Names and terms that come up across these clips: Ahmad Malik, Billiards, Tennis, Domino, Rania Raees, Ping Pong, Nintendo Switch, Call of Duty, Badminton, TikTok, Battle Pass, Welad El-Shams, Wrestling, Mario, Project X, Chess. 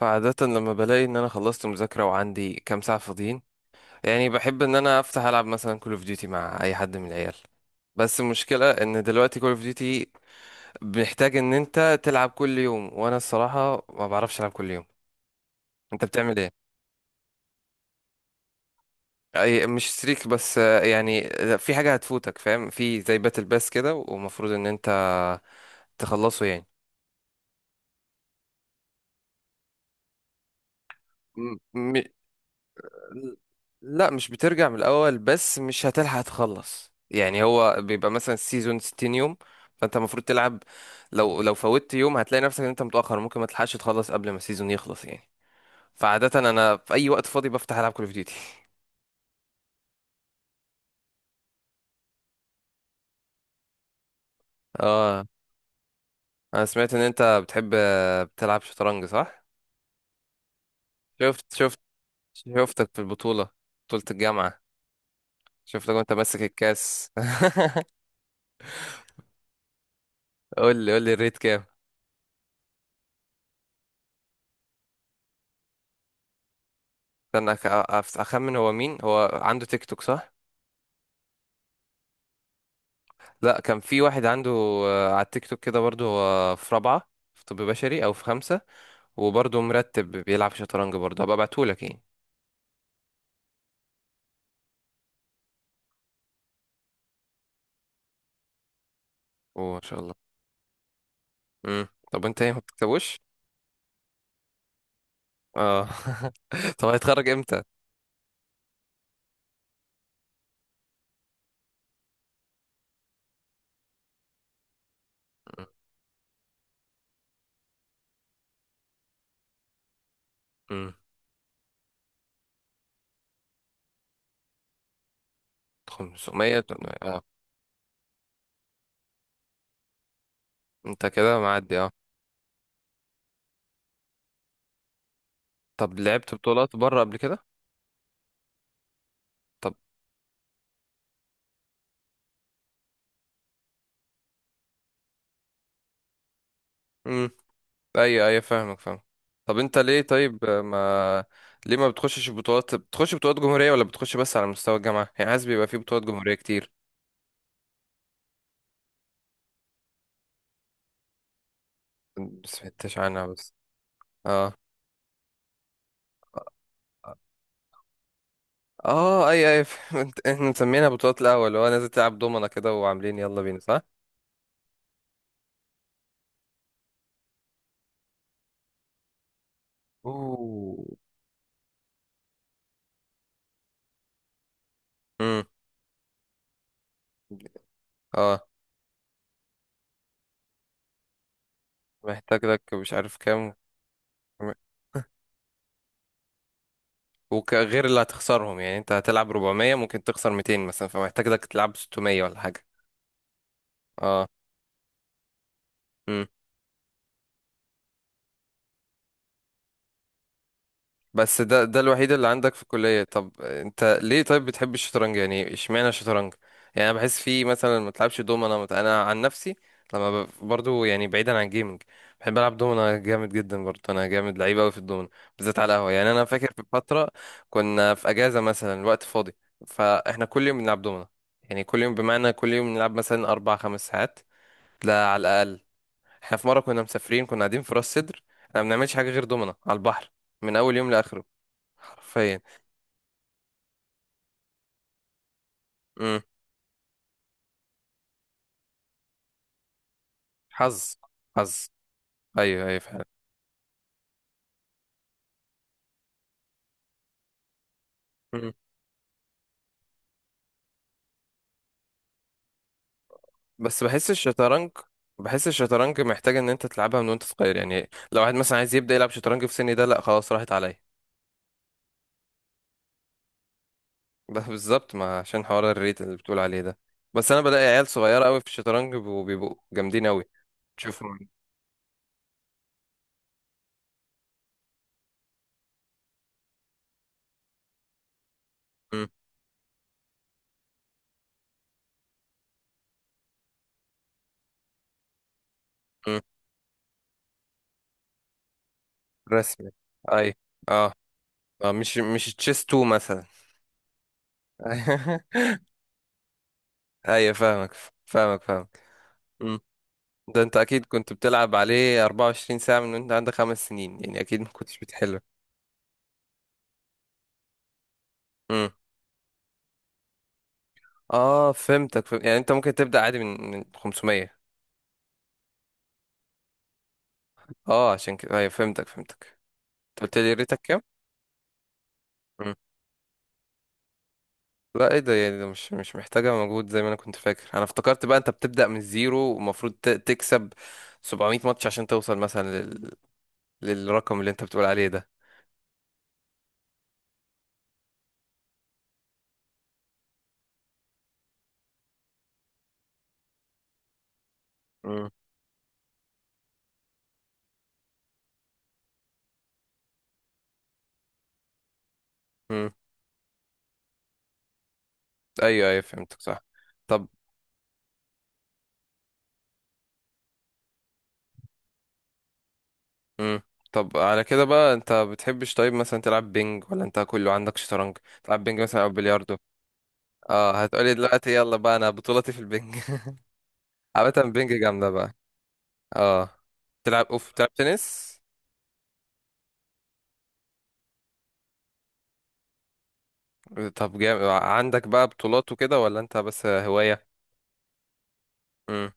فعادة لما بلاقي ان انا خلصت مذاكرة وعندي كام ساعة فاضيين، يعني بحب ان انا افتح العب مثلا كول اوف ديوتي مع اي حد من العيال. بس المشكلة ان دلوقتي كول اوف ديوتي محتاج ان انت تلعب كل يوم، وانا الصراحة ما بعرفش العب كل يوم. انت بتعمل ايه؟ اي مش ستريك بس يعني في حاجة هتفوتك فاهم، في زي باتل باس كده ومفروض ان انت تخلصه يعني. م- م- لا مش بترجع من الاول، بس مش هتلحق تخلص يعني. هو بيبقى مثلا السيزون 60 يوم، فانت المفروض تلعب. لو فوتت يوم هتلاقي نفسك ان انت متاخر، ممكن ما تلحقش تخلص قبل ما السيزون يخلص يعني. فعاده انا في اي وقت فاضي بفتح العب كول اوف ديوتي. اه، انا سمعت ان انت بتحب بتلعب شطرنج صح؟ شفت شفتك في البطوله، بطوله الجامعه. شفتك وانت ماسك الكاس قول لي الريت كام؟ استنى، اخمن هو مين. هو عنده تيك توك صح؟ لا، كان في واحد عنده على التيك توك كده برضه. هو في رابعة في طب بشري أو في خمسة، وبرضه مرتب بيلعب شطرنج برضه، هبقى ابعتهولك يعني. وإن شاء الله. مم. طب أنت إيه ما بتكتبوش؟ اه. طب هيتخرج إمتى؟ امم. 500؟ اه، أنت كده معدي اه. طب لعبت بطولات بره قبل كده؟ طب. امم. أيوه أيوه، فاهمك فاهم. طب أنت ليه طيب، ما ليه ما بتخشش بطولات؟ بتخش بطولات جمهورية ولا بتخش بس على مستوى الجامعة؟ يعني عايز بيبقى في بطولات جمهورية كتير. بس سمعتش عنها بس. اه. اه اي اي فهمت. احنا مسمينها بطولات القهوة، اللي هو نازل تلعب دومنا كده وعاملين يلا بينا صح؟ اوه. امم. اه، محتاج لك مش عارف كام. وغير اللي هتخسرهم يعني، انت هتلعب 400 ممكن تخسر 200 مثلا، فمحتاج لك تلعب 600 ولا حاجة. اه. امم. بس ده الوحيد اللي عندك في الكلية؟ طب انت ليه طيب بتحب الشطرنج يعني، اشمعنى الشطرنج؟ يعني انا بحس فيه مثلا، ما تلعبش دومنا مت... انا عن نفسي لما برضو، يعني بعيدا عن الجيمنج، بحب العب دومنا جامد جدا. برضو انا جامد لعيب قوي في الدومنا، بالذات على القهوة. يعني انا فاكر في فترة كنا في اجازة مثلا، وقت فاضي، فاحنا كل يوم بنلعب دومنا، يعني كل يوم بمعنى كل يوم نلعب مثلا 4 5 ساعات. لا، على الاقل. احنا في مرة كنا مسافرين، كنا قاعدين في راس سدر، احنا ما بنعملش حاجة غير دومنا على البحر، من اول يوم لاخره، حرفيا. امم. حظ، حظ. ايوه ايوه فعلا. امم. بس بحس الشطرنج، بحس الشطرنج محتاج ان انت تلعبها من وانت صغير يعني. لو واحد مثلا عايز يبدا يلعب شطرنج في سني ده، لا خلاص راحت عليا. ده بالظبط ما عشان حوار الريت اللي بتقول عليه ده، بس انا بلاقي عيال صغيره قوي في الشطرنج وبيبقوا جامدين قوي. تشوفهم. امم. امم. رسمي. اي. اه. اه مش مش تشيس 2 مثلا. ايوه فاهمك، فاهمك فاهمك. ده انت اكيد كنت بتلعب عليه 24 ساعة من وانت عندك 5 سنين، يعني اكيد ما كنتش بتحله. امم. اه فهمتك يعني انت ممكن تبدأ عادي من 500. اه عشان كده، ايوه فهمتك فهمتك. انت قلت لي ريتك كام؟ مم. لا ايه ده، يعني ده مش مش محتاجة مجهود زي ما انا كنت فاكر. انا افتكرت بقى انت بتبدأ من الزيرو ومفروض تكسب 700 ماتش عشان توصل مثلا للرقم اللي انت بتقول عليه ده. امم. امم. ايوه ايوه فهمتك صح. طب. امم. طب على كده بقى انت بتحبش طيب مثلا تلعب بينج ولا انت كله عندك شطرنج؟ تلعب بينج مثلا او بلياردو. اه هتقولي دلوقتي يلا بقى انا بطولتي في البينج. عامة بينج جامدة بقى. اه. تلعب تنس. طب جامد عندك بقى بطولات وكده ولا انت بس هواية؟ امم.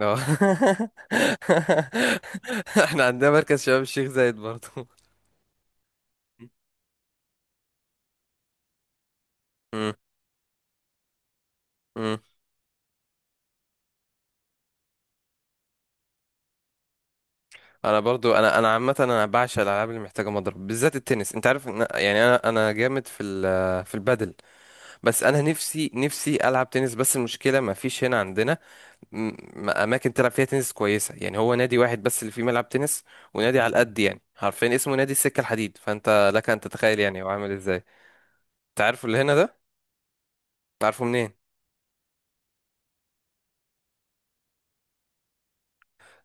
اه. احنا عندنا مركز شباب الشيخ زايد برضو. امم. انا برضو، انا انا عامه انا بعشق الالعاب اللي محتاجه مضرب، بالذات التنس. انت عارف إن يعني انا انا جامد في البادل، بس انا نفسي نفسي العب تنس، بس المشكله ما فيش هنا عندنا م- اماكن تلعب فيها تنس كويسه. يعني هو نادي واحد بس اللي فيه ملعب تنس، ونادي على قد يعني، حرفيا اسمه نادي السكه الحديد، فانت لك ان تتخيل يعني هو عامل ازاي. انت عارفه اللي هنا ده؟ عارفه منين؟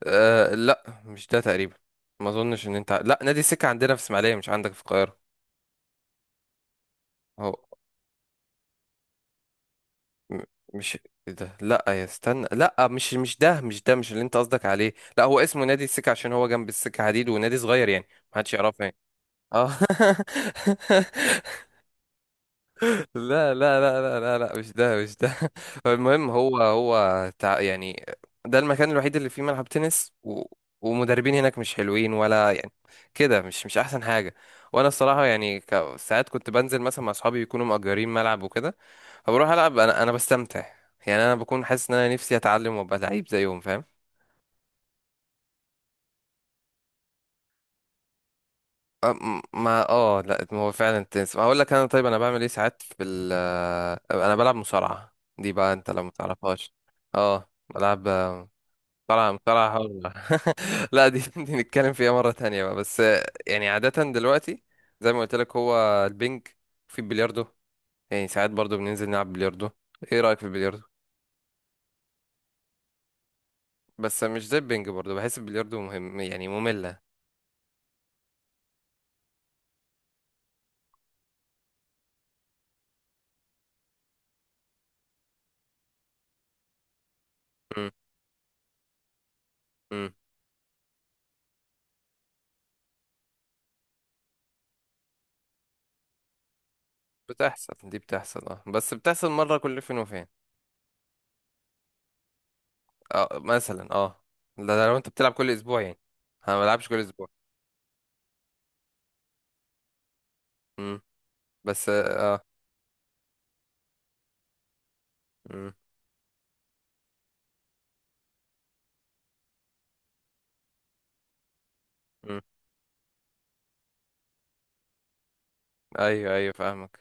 أه لا مش ده تقريبا، ما اظنش ان انت لا، نادي السكه عندنا في اسماعيليه مش عندك في القاهره. هو م- مش، إيه ده، لا يا استنى، لا مش مش ده، مش ده مش اللي انت قصدك عليه. لا هو اسمه نادي السكة عشان هو جنب السكة حديد، ونادي صغير يعني، محدش يعرفه يعني. اه. لا لا لا لا لا لا، مش ده مش ده. المهم هو يعني ده المكان الوحيد اللي فيه ملعب تنس، و... ومدربين هناك مش حلوين ولا يعني كده، مش مش احسن حاجة. وانا الصراحة يعني، ساعات كنت بنزل مثلا مع اصحابي يكونوا مأجرين ملعب وكده، فبروح العب انا، انا بستمتع يعني، انا بكون حاسس ان انا نفسي اتعلم وابقى لعيب زيهم فاهم. أم- ما اه لا، ما هو فعلا التنس هقول لك انا، طيب انا بعمل ايه ساعات في ال، انا بلعب مصارعة دي بقى انت لو متعرفهاش. اه بلعب مصارعة، مصارعة حرة. لا دي دي نتكلم فيها مرة تانية بقى، بس يعني عادة دلوقتي زي ما قلت لك، هو البنج، في البلياردو، يعني ساعات برضو بننزل نلعب بلياردو. ايه رأيك في البلياردو؟ بس مش زي البنج برضو، بحس البلياردو مهم يعني مملة. مم. بتحصل، دي بتحصل اه، بس بتحصل مرة كل فين وفين. اه مثلا اه، ده لو انت بتلعب كل اسبوع يعني، انا ما بلعبش كل اسبوع. امم. بس اه. امم. امم. ايوه ايوه فاهمك.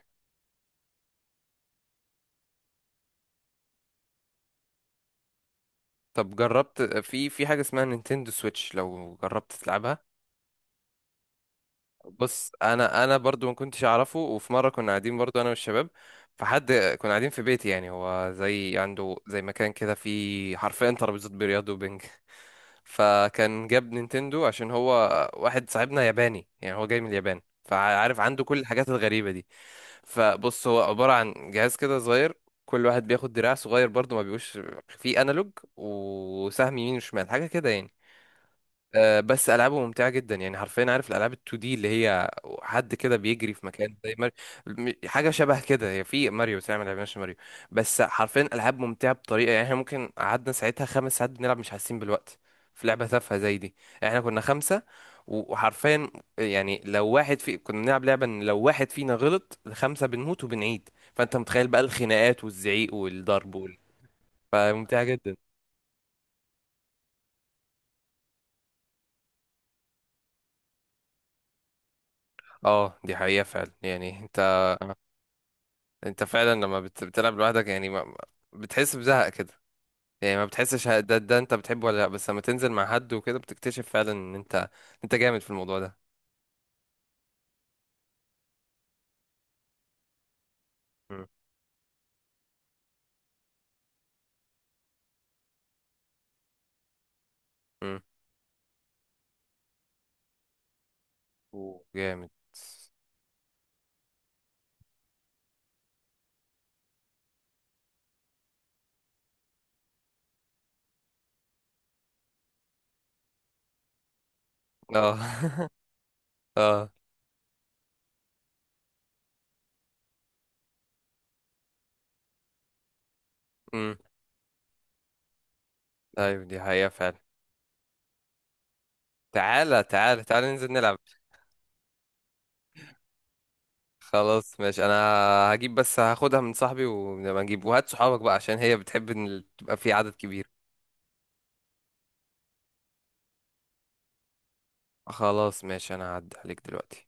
طب جربت في حاجة اسمها نينتندو سويتش؟ لو جربت تلعبها. بص انا، انا برضو ما كنتش اعرفه، وفي مره كنا قاعدين برضو انا والشباب، فحد، كنا قاعدين في بيتي، يعني هو زي عنده زي مكان كده فيه حرفيا ترابيزات بلياردو وبنج. فكان جاب نينتندو عشان هو، واحد صاحبنا ياباني يعني، هو جاي من اليابان فعارف عنده كل الحاجات الغريبه دي. فبص هو عباره عن جهاز كده صغير، كل واحد بياخد دراع صغير برضو، ما بيبقوش فيه انالوج، وسهم يمين وشمال حاجه كده يعني. بس العابه ممتعه جدا يعني، حرفيا عارف الالعاب ال2 دي اللي هي، حد كده بيجري في مكان زي ماريو. حاجه شبه كده هي، في ماريو بس احنا ما لعبناش ماريو. بس حرفيا العاب ممتعه بطريقه يعني، احنا ممكن قعدنا ساعتها 5 ساعات بنلعب مش حاسين بالوقت، في لعبه تافهه زي دي. احنا كنا خمسه، وحرفيا يعني، لو واحد في كنا بنلعب لعبه ان لو واحد فينا غلط الخمسه بنموت وبنعيد، فانت متخيل بقى الخناقات والزعيق والضرب فممتعه جدا. اه دي حقيقه فعلا، يعني انت، انت فعلا لما بتلعب لوحدك يعني بتحس بزهق كده، يعني ما بتحسش ده ده انت بتحبه ولا لا، بس لما تنزل مع حد وكده بتكتشف فعلا ان انت، انت جامد في الموضوع ده. مم. مم. و، جامد. اه. اه. امم. ايوه دي حقيقة فعلا، تعالى تعالى تعالى ننزل نلعب. خلاص ماشي، انا هجيب بس، هاخدها من صاحبي ونبقى نجيب، وهات صحابك بقى عشان هي بتحب تبقى في عدد كبير. خلاص ماشي، انا هعدي عليك دلوقتي.